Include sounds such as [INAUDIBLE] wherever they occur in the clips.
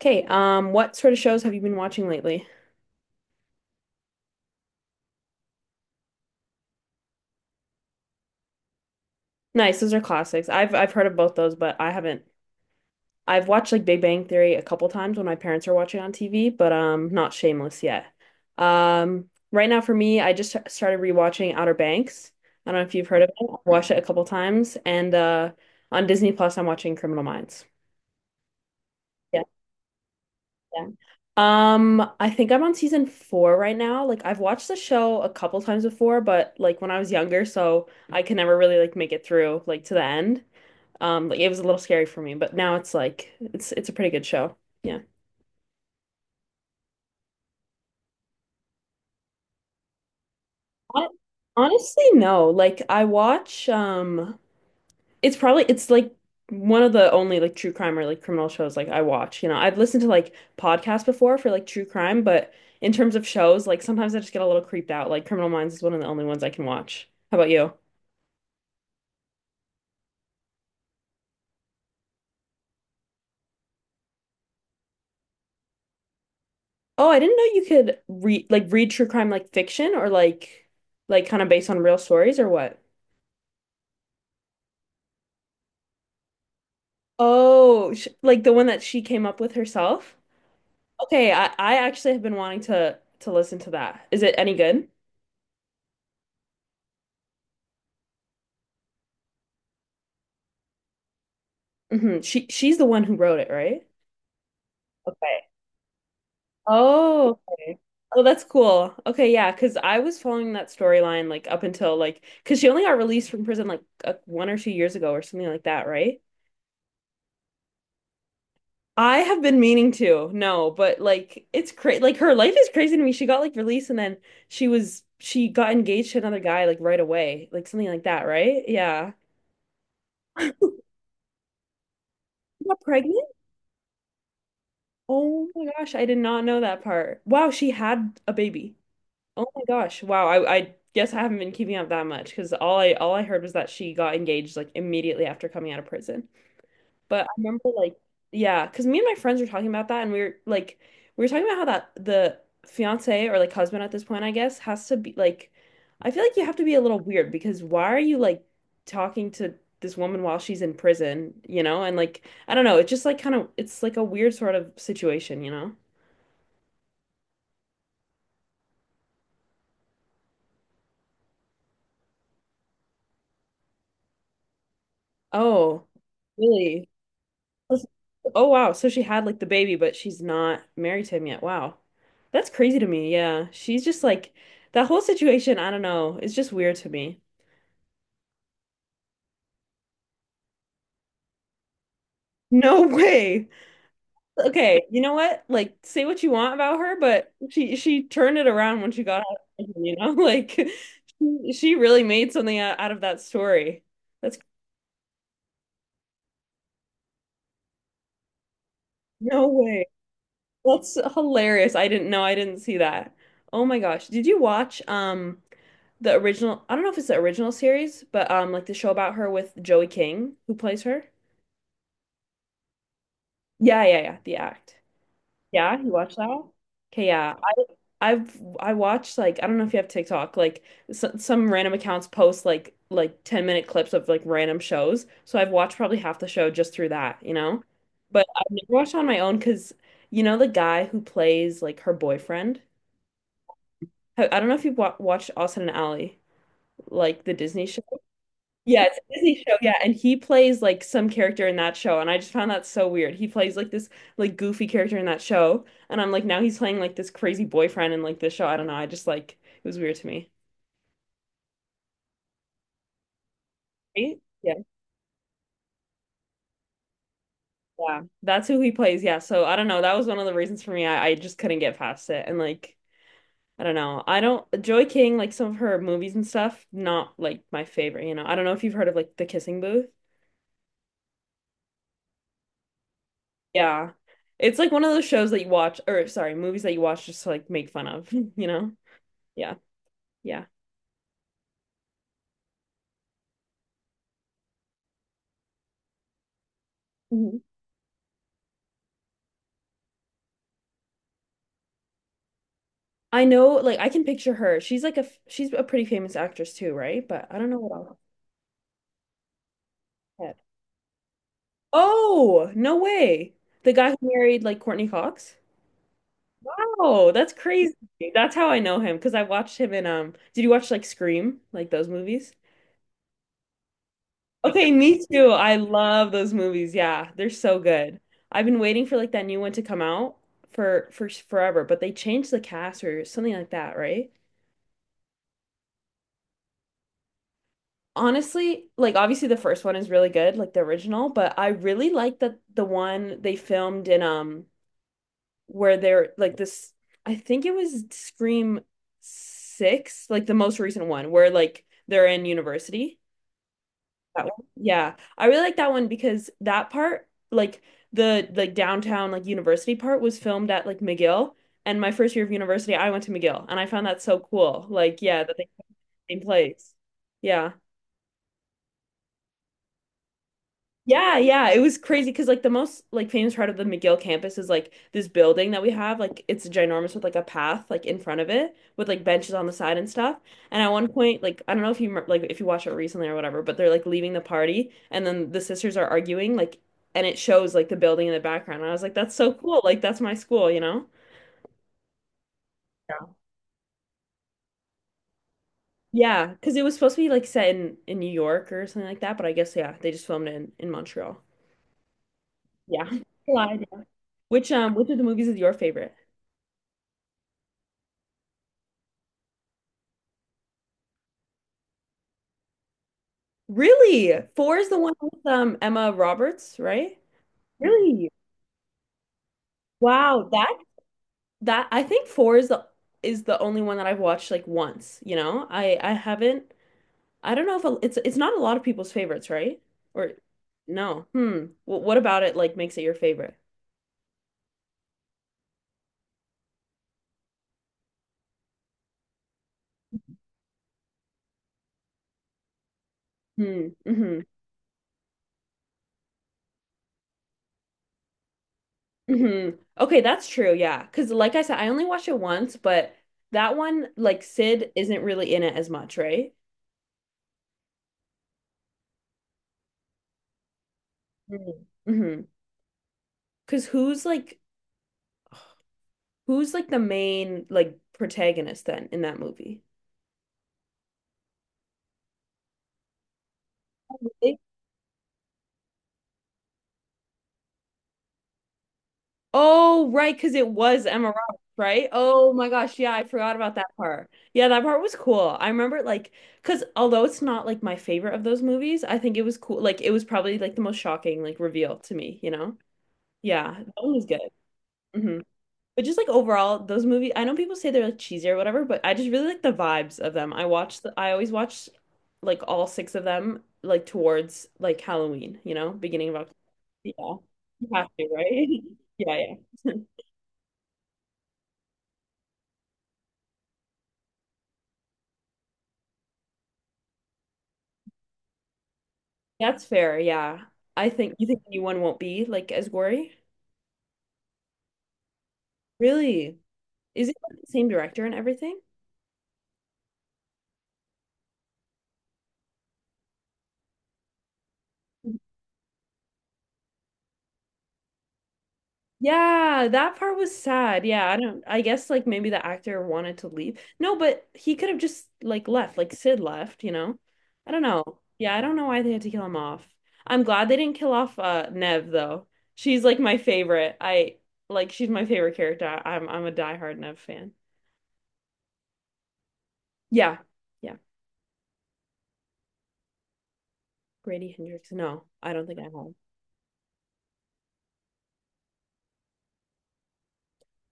Okay, what sort of shows have you been watching lately? Nice, those are classics. I've heard of both those, but I haven't. I've watched like Big Bang Theory a couple times when my parents are watching on TV, but not Shameless yet. Right now for me, I just started rewatching Outer Banks. I don't know if you've heard of it. I've watched it a couple times, and on Disney Plus, I'm watching Criminal Minds. Yeah. I think I'm on season four right now. Like I've watched the show a couple times before, but like when I was younger, so I could never really like make it through like to the end. Like it was a little scary for me, but now it's like it's a pretty good show. Yeah. Hon- Honestly, no. Like I watch it's probably it's like one of the only like true crime or like criminal shows like I watch. I've listened to like podcasts before for like true crime, but in terms of shows, like sometimes I just get a little creeped out. Like Criminal Minds is one of the only ones I can watch. How about you? Oh, I didn't know you could read like read true crime like fiction or like kind of based on real stories or what? Oh, sh like the one that she came up with herself? Okay, I actually have been wanting to listen to that. Is it any good? Hmm. She's the one who wrote it, right? Okay. Oh, okay. Oh, that's cool. Okay, yeah, because I was following that storyline like up until like because she only got released from prison like 1 or 2 years ago or something like that, right? I have been meaning to, no, but like it's crazy. Like her life is crazy to me. She got like released and then she got engaged to another guy like right away, like something like that, right? Yeah. She got pregnant? Oh my gosh, I did not know that part. Wow, she had a baby. Oh my gosh. Wow. I guess I haven't been keeping up that much because all I heard was that she got engaged like immediately after coming out of prison. But I remember like yeah, because me and my friends were talking about that and we were talking about how that the fiance or like husband at this point, I guess, has to be like I feel like you have to be a little weird because why are you like talking to this woman while she's in prison, you know? And like I don't know, it's just like kind of it's like a weird sort of situation, you know? Oh, really? Oh wow, so she had like the baby, but she's not married to him yet. Wow. That's crazy to me. Yeah. She's just like that whole situation, I don't know, it's just weird to me. [LAUGHS] No way. Okay, you know what? Like say what you want about her, but she turned it around when she got out of prison, you know? [LAUGHS] Like she really made something out of that story. That's no way. That's hilarious. I didn't know. I didn't see that. Oh my gosh. Did you watch the original, I don't know if it's the original series, but like the show about her with Joey King, who plays her. Yeah, The Act. Yeah, you watched that one? Okay, yeah. I watched like I don't know if you have TikTok, like s some random accounts post like 10-minute clips of like random shows. So I've watched probably half the show just through that, you know? But I've never watched on my own because you know the guy who plays like her boyfriend? I don't know if you've wa watched Austin and Ally, like the Disney show. Yeah, it's a Disney show. Yeah, and he plays like some character in that show, and I just found that so weird. He plays like this like goofy character in that show, and I'm like now he's playing like this crazy boyfriend in like this show. I don't know. I just like it was weird to me. Right? Yeah, yeah. That's who he plays. Yeah. So I don't know. That was one of the reasons for me. I just couldn't get past it, and like I don't know. I don't Joy King like some of her movies and stuff. Not like my favorite. You know. I don't know if you've heard of like The Kissing Booth. Yeah. It's like one of those shows that you watch, or sorry, movies that you watch just to like make fun of, [LAUGHS] you know? Yeah. Yeah. Mhm. I know, like, I can picture her. She's like she's a pretty famous actress too, right? But I don't know what else. Yeah. Oh, no way. The guy who married like Courtney Cox? Wow, that's crazy. That's how I know him because I watched him in, did you watch like Scream, like those movies? Okay, me too. I love those movies. Yeah, they're so good. I've been waiting for like that new one to come out for forever, but they changed the cast or something like that, right? Honestly, like obviously the first one is really good, like the original, but I really like that the one they filmed in where they're like this I think it was Scream Six, like the most recent one, where like they're in university. That one. Yeah. I really like that one because that part, like the like downtown like university part was filmed at like McGill. And my first year of university, I went to McGill and I found that so cool. Like, yeah, that they filmed in the same place. Yeah. Yeah, yeah, it was crazy because like the most like famous part of the McGill campus is like this building that we have. Like it's ginormous with like a path like in front of it with like benches on the side and stuff. And at one point, like I don't know if you like if you watched it recently or whatever, but they're like leaving the party and then the sisters are arguing like and it shows like the building in the background. And I was like, that's so cool. Like that's my school, you know? Yeah. Yeah, because it was supposed to be like set in New York or something like that, but I guess yeah, they just filmed it in Montreal. Yeah. [LAUGHS] Collide, yeah. Which which of the movies is your favorite? Really? Four is the one with Emma Roberts, right? Really? Wow, that I think four is the only one that I've watched like once, you know? I haven't I don't know if it's not a lot of people's favorites, right? Or no. Hmm. Well, what about it like makes it your favorite? Hmm. Hmm. Hmm. Okay, that's true. Yeah, because like I said, I only watched it once, but that one like Sid isn't really in it as much, right? Mm-hmm. Because who's like who's like the main like protagonist then in that movie? Really? Oh, right, because it was Emma Roberts, right? Oh my gosh, yeah, I forgot about that part. Yeah, that part was cool. I remember it, like because although it's not like my favorite of those movies, I think it was cool. Like it was probably like the most shocking like reveal to me, you know? Yeah, that one was good. Hmm. But just like overall, those movies, I know people say they're like cheesy or whatever, but I just really like the vibes of them. I always watch like all six of them like towards like Halloween, you know, beginning of October. Yeah. You have to, right? [LAUGHS] Yeah, yeah. [LAUGHS] That's fair, yeah. I think you think the new one won't be like as gory? Really? Is it like, the same director and everything? Yeah, that part was sad. Yeah, I don't, I guess like maybe the actor wanted to leave. No, but he could have just like left, like Sid left, you know? I don't know. Yeah, I don't know why they had to kill him off. I'm glad they didn't kill off Nev though. She's like my favorite. I like she's my favorite character. I'm a diehard Nev fan. Yeah. Yeah. Grady Hendrix. No, I don't think I have. Okay,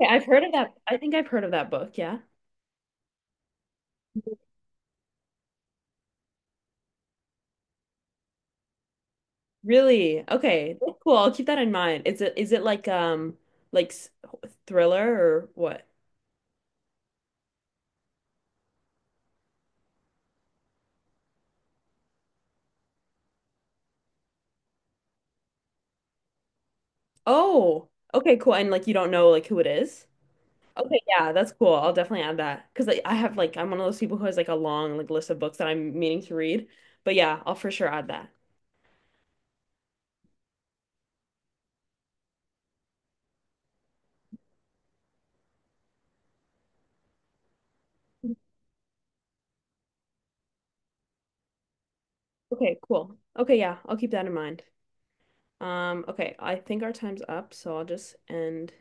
I've heard of that. I think I've heard of that book, yeah. Really? Okay. That's cool. I'll keep that in mind. Is it like thriller or what? Oh, okay, cool. And like you don't know like who it is? Okay, yeah, that's cool. I'll definitely add that because like, I have like I'm one of those people who has like a long like list of books that I'm meaning to read. But yeah, I'll for sure add that. Okay, cool. Okay, yeah, I'll keep that in mind. Okay, I think our time's up, so I'll just end.